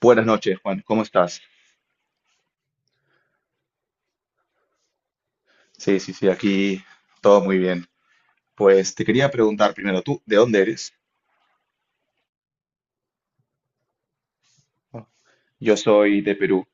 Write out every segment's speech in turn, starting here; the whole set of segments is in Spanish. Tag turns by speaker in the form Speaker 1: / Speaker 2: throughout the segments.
Speaker 1: Buenas noches, Juan. ¿Cómo estás? Sí, sí, sí, aquí todo muy bien. Pues te quería preguntar primero, ¿tú de dónde eres? Yo soy de Perú.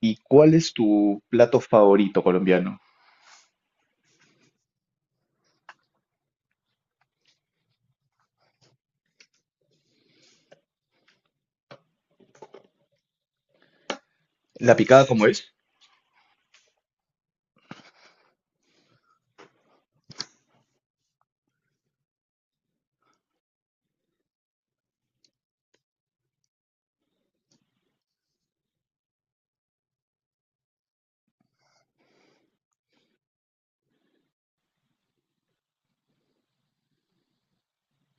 Speaker 1: ¿Y cuál es tu plato favorito colombiano? ¿La picada cómo es?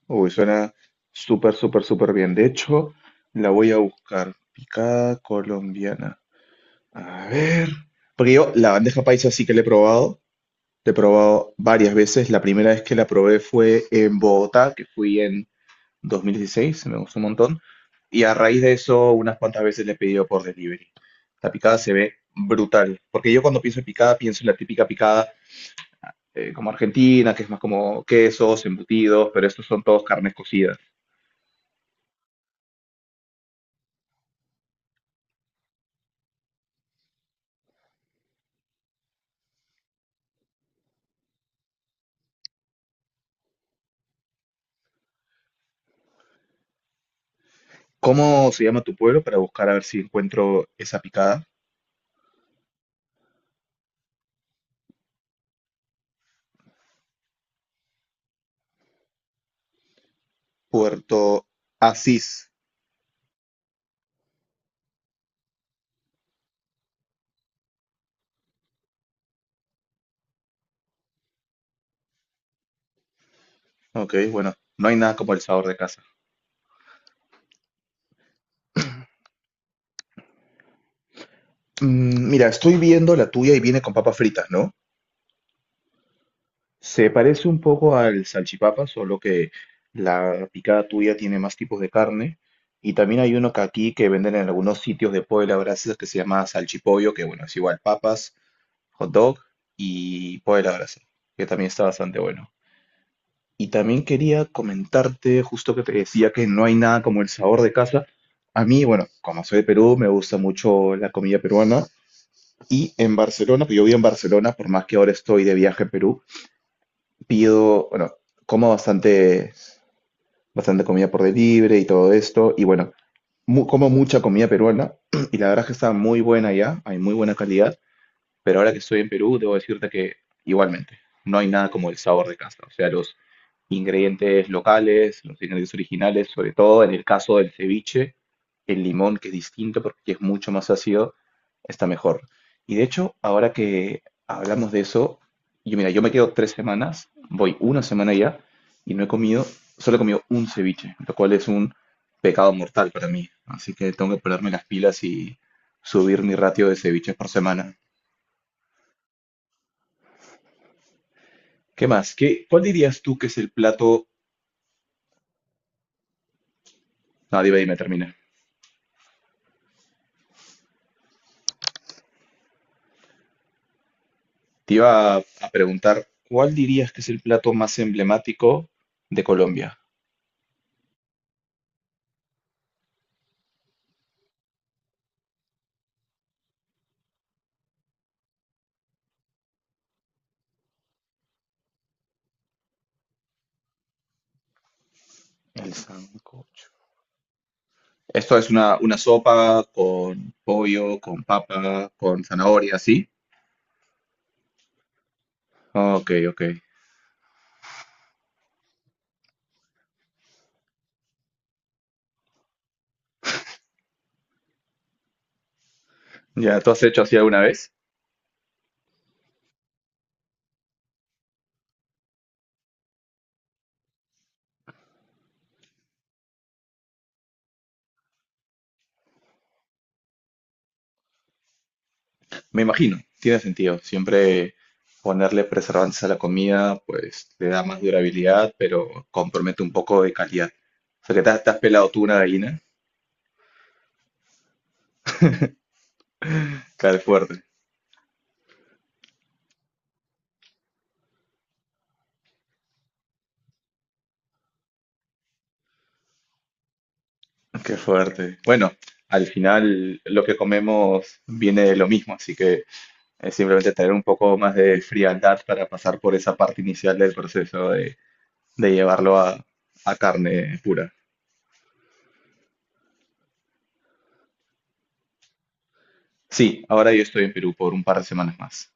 Speaker 1: Uy, suena súper, súper, súper bien. De hecho, la voy a buscar. Picada colombiana. A ver. Porque yo la bandeja paisa sí que la he probado. La he probado varias veces. La primera vez que la probé fue en Bogotá, que fui en 2016, me gustó un montón. Y a raíz de eso, unas cuantas veces le he pedido por delivery. La picada se ve brutal, porque yo cuando pienso en picada, pienso en la típica picada como argentina, que es más como quesos, embutidos, pero estos son todos carnes cocidas. ¿Cómo se llama tu pueblo para buscar a ver si encuentro esa picada? Puerto Asís. Ok, bueno, no hay nada como el sabor de casa. Mm, mira, estoy viendo la tuya y viene con papas fritas, ¿no? Se parece un poco al salchipapa, solo que la picada tuya tiene más tipos de carne. Y también hay uno que aquí que venden en algunos sitios de pollo a la brasa que se llama salchipollo, que bueno, es igual papas, hot dog y pollo a la brasa, que también está bastante bueno. Y también quería comentarte, justo que te decía que no hay nada como el sabor de casa. A mí, bueno, como soy de Perú, me gusta mucho la comida peruana. Y en Barcelona, que yo vivo en Barcelona, por más que ahora estoy de viaje a Perú, pido, bueno, como bastante, bastante comida por delivery y todo esto, y bueno, como mucha comida peruana, y la verdad es que está muy buena ya, hay muy buena calidad, pero ahora que estoy en Perú, debo decirte que igualmente, no hay nada como el sabor de casa, o sea, los ingredientes locales, los ingredientes originales, sobre todo en el caso del ceviche, el limón, que es distinto porque es mucho más ácido, está mejor. Y de hecho, ahora que hablamos de eso, yo mira, yo me quedo 3 semanas, voy una semana ya, y no he comido, solo he comido un ceviche, lo cual es un pecado mortal para mí. Así que tengo que ponerme las pilas y subir mi ratio de ceviches por semana. ¿Qué más? ¿Cuál dirías tú que es el plato? No, dime, dime, termina. Te iba a preguntar, ¿cuál dirías que es el plato más emblemático de Colombia? El sancocho. Esto es una sopa con pollo, con papa, con zanahoria, ¿sí? Ok, ok. Ya, ¿tú has hecho así alguna vez? Me imagino, tiene sentido. Siempre ponerle preservantes a la comida, pues le da más durabilidad, pero compromete un poco de calidad. O sea, que te has pelado tú una gallina. Claro, es fuerte. Qué fuerte. Bueno, al final lo que comemos viene de lo mismo, así que es simplemente tener un poco más de frialdad para pasar por esa parte inicial del proceso de llevarlo a carne pura. Sí, ahora yo estoy en Perú por un par de semanas más.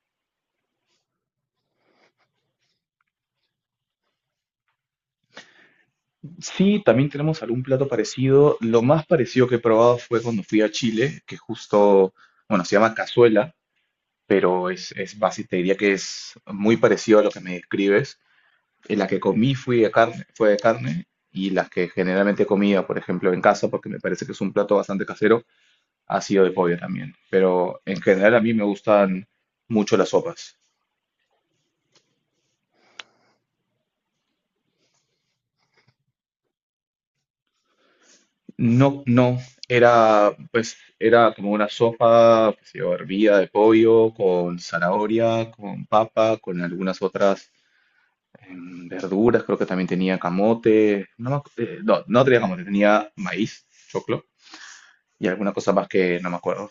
Speaker 1: Sí, también tenemos algún plato parecido. Lo más parecido que he probado fue cuando fui a Chile, que justo, bueno, se llama cazuela, pero es básicamente, te diría que es muy parecido a lo que me describes. Y la que comí fui de carne, fue de carne y las que generalmente comía, por ejemplo, en casa, porque me parece que es un plato bastante casero, ha sido de pollo también. Pero en general a mí me gustan mucho las sopas. No, no, era pues era como una sopa, que se hervida de pollo con zanahoria, con papa, con algunas otras verduras, creo que también tenía camote, no, no, no tenía camote, tenía maíz, choclo y alguna cosa más que no me acuerdo.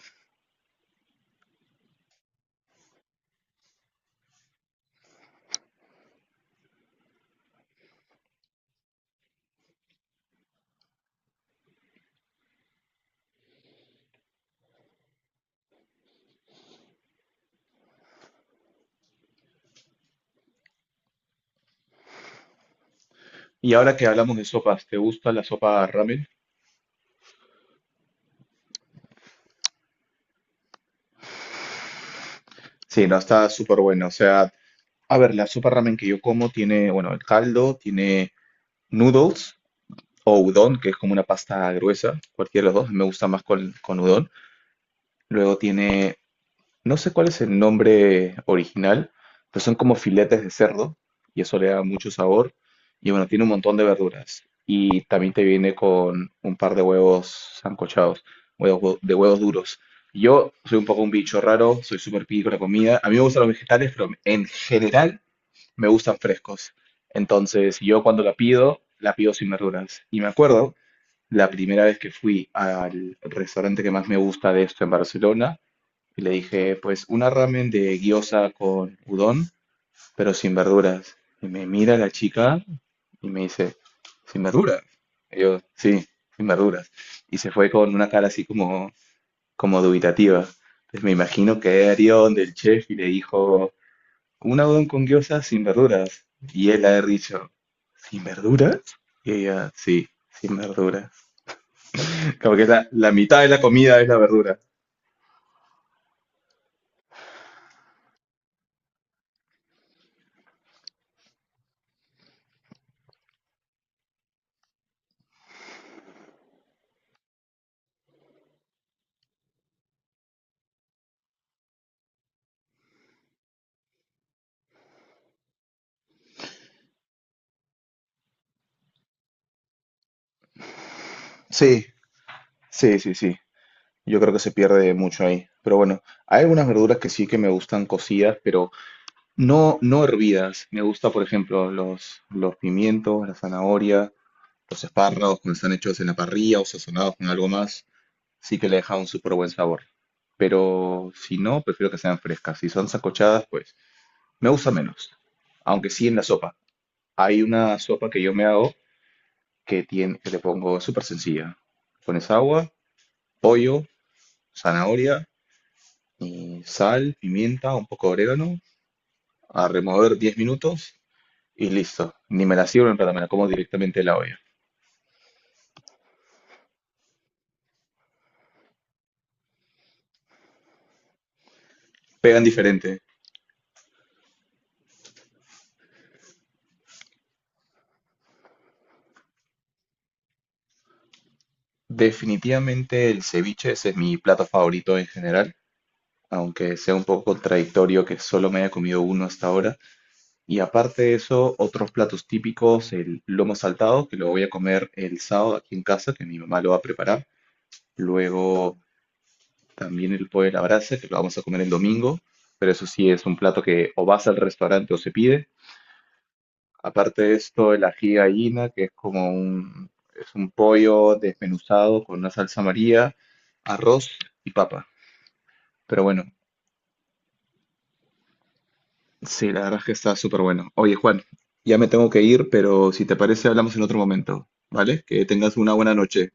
Speaker 1: Y ahora que hablamos de sopas, ¿te gusta la sopa ramen? Sí, no, está súper buena. O sea, a ver, la sopa ramen que yo como tiene, bueno, el caldo, tiene noodles o udon, que es como una pasta gruesa, cualquiera de los dos, me gusta más con udon. Luego tiene. No sé cuál es el nombre original, pero son como filetes de cerdo y eso le da mucho sabor. Y bueno, tiene un montón de verduras. Y también te viene con un par de huevos sancochados, huevos de huevos duros. Yo soy un poco un bicho raro, soy súper picky con la comida. A mí me gustan los vegetales, pero en general me gustan frescos. Entonces, yo cuando la pido sin verduras. Y me acuerdo, la primera vez que fui al restaurante que más me gusta de esto en Barcelona, y le dije, pues una ramen de gyoza con udon, pero sin verduras. Y me mira la chica y me dice, ¿sin verduras? Y yo, sí, sin verduras. Y se fue con una cara así como, como dubitativa. Entonces me imagino que era donde el chef y le dijo, una udon con gyoza sin verduras. Y él ha de haber dicho, ¿sin verduras? Y ella, sí, sin verduras. Como que la mitad de la comida es la verdura. Sí, sí, sí, sí. Yo creo que se pierde mucho ahí. Pero bueno, hay algunas verduras que sí que me gustan cocidas, pero no, no hervidas. Me gusta, por ejemplo, los pimientos, la zanahoria, los espárragos cuando están hechos en la parrilla o sazonados con algo más. Sí que le deja un súper buen sabor. Pero si no, prefiero que sean frescas. Si son sancochadas, pues me gusta menos. Aunque sí en la sopa. Hay una sopa que yo me hago que tiene, que le pongo es súper sencilla. Pones agua, pollo, zanahoria. Sal, pimienta, un poco de orégano, a remover 10 minutos y listo. Ni me la sirvo en plata, me la como directamente de la olla. Pegan diferente. Definitivamente el ceviche, ese es mi plato favorito en general, aunque sea un poco contradictorio que solo me haya comido uno hasta ahora. Y aparte de eso, otros platos típicos, el lomo saltado, que lo voy a comer el sábado aquí en casa, que mi mamá lo va a preparar. Luego también el pollo a la brasa, que lo vamos a comer el domingo, pero eso sí es un plato que o vas al restaurante o se pide. Aparte de esto, el ají gallina, que es como un, es un pollo desmenuzado con una salsa María, arroz y papa. Pero bueno, sí, la verdad es que está súper bueno. Oye, Juan, ya me tengo que ir, pero si te parece, hablamos en otro momento, ¿vale? Que tengas una buena noche.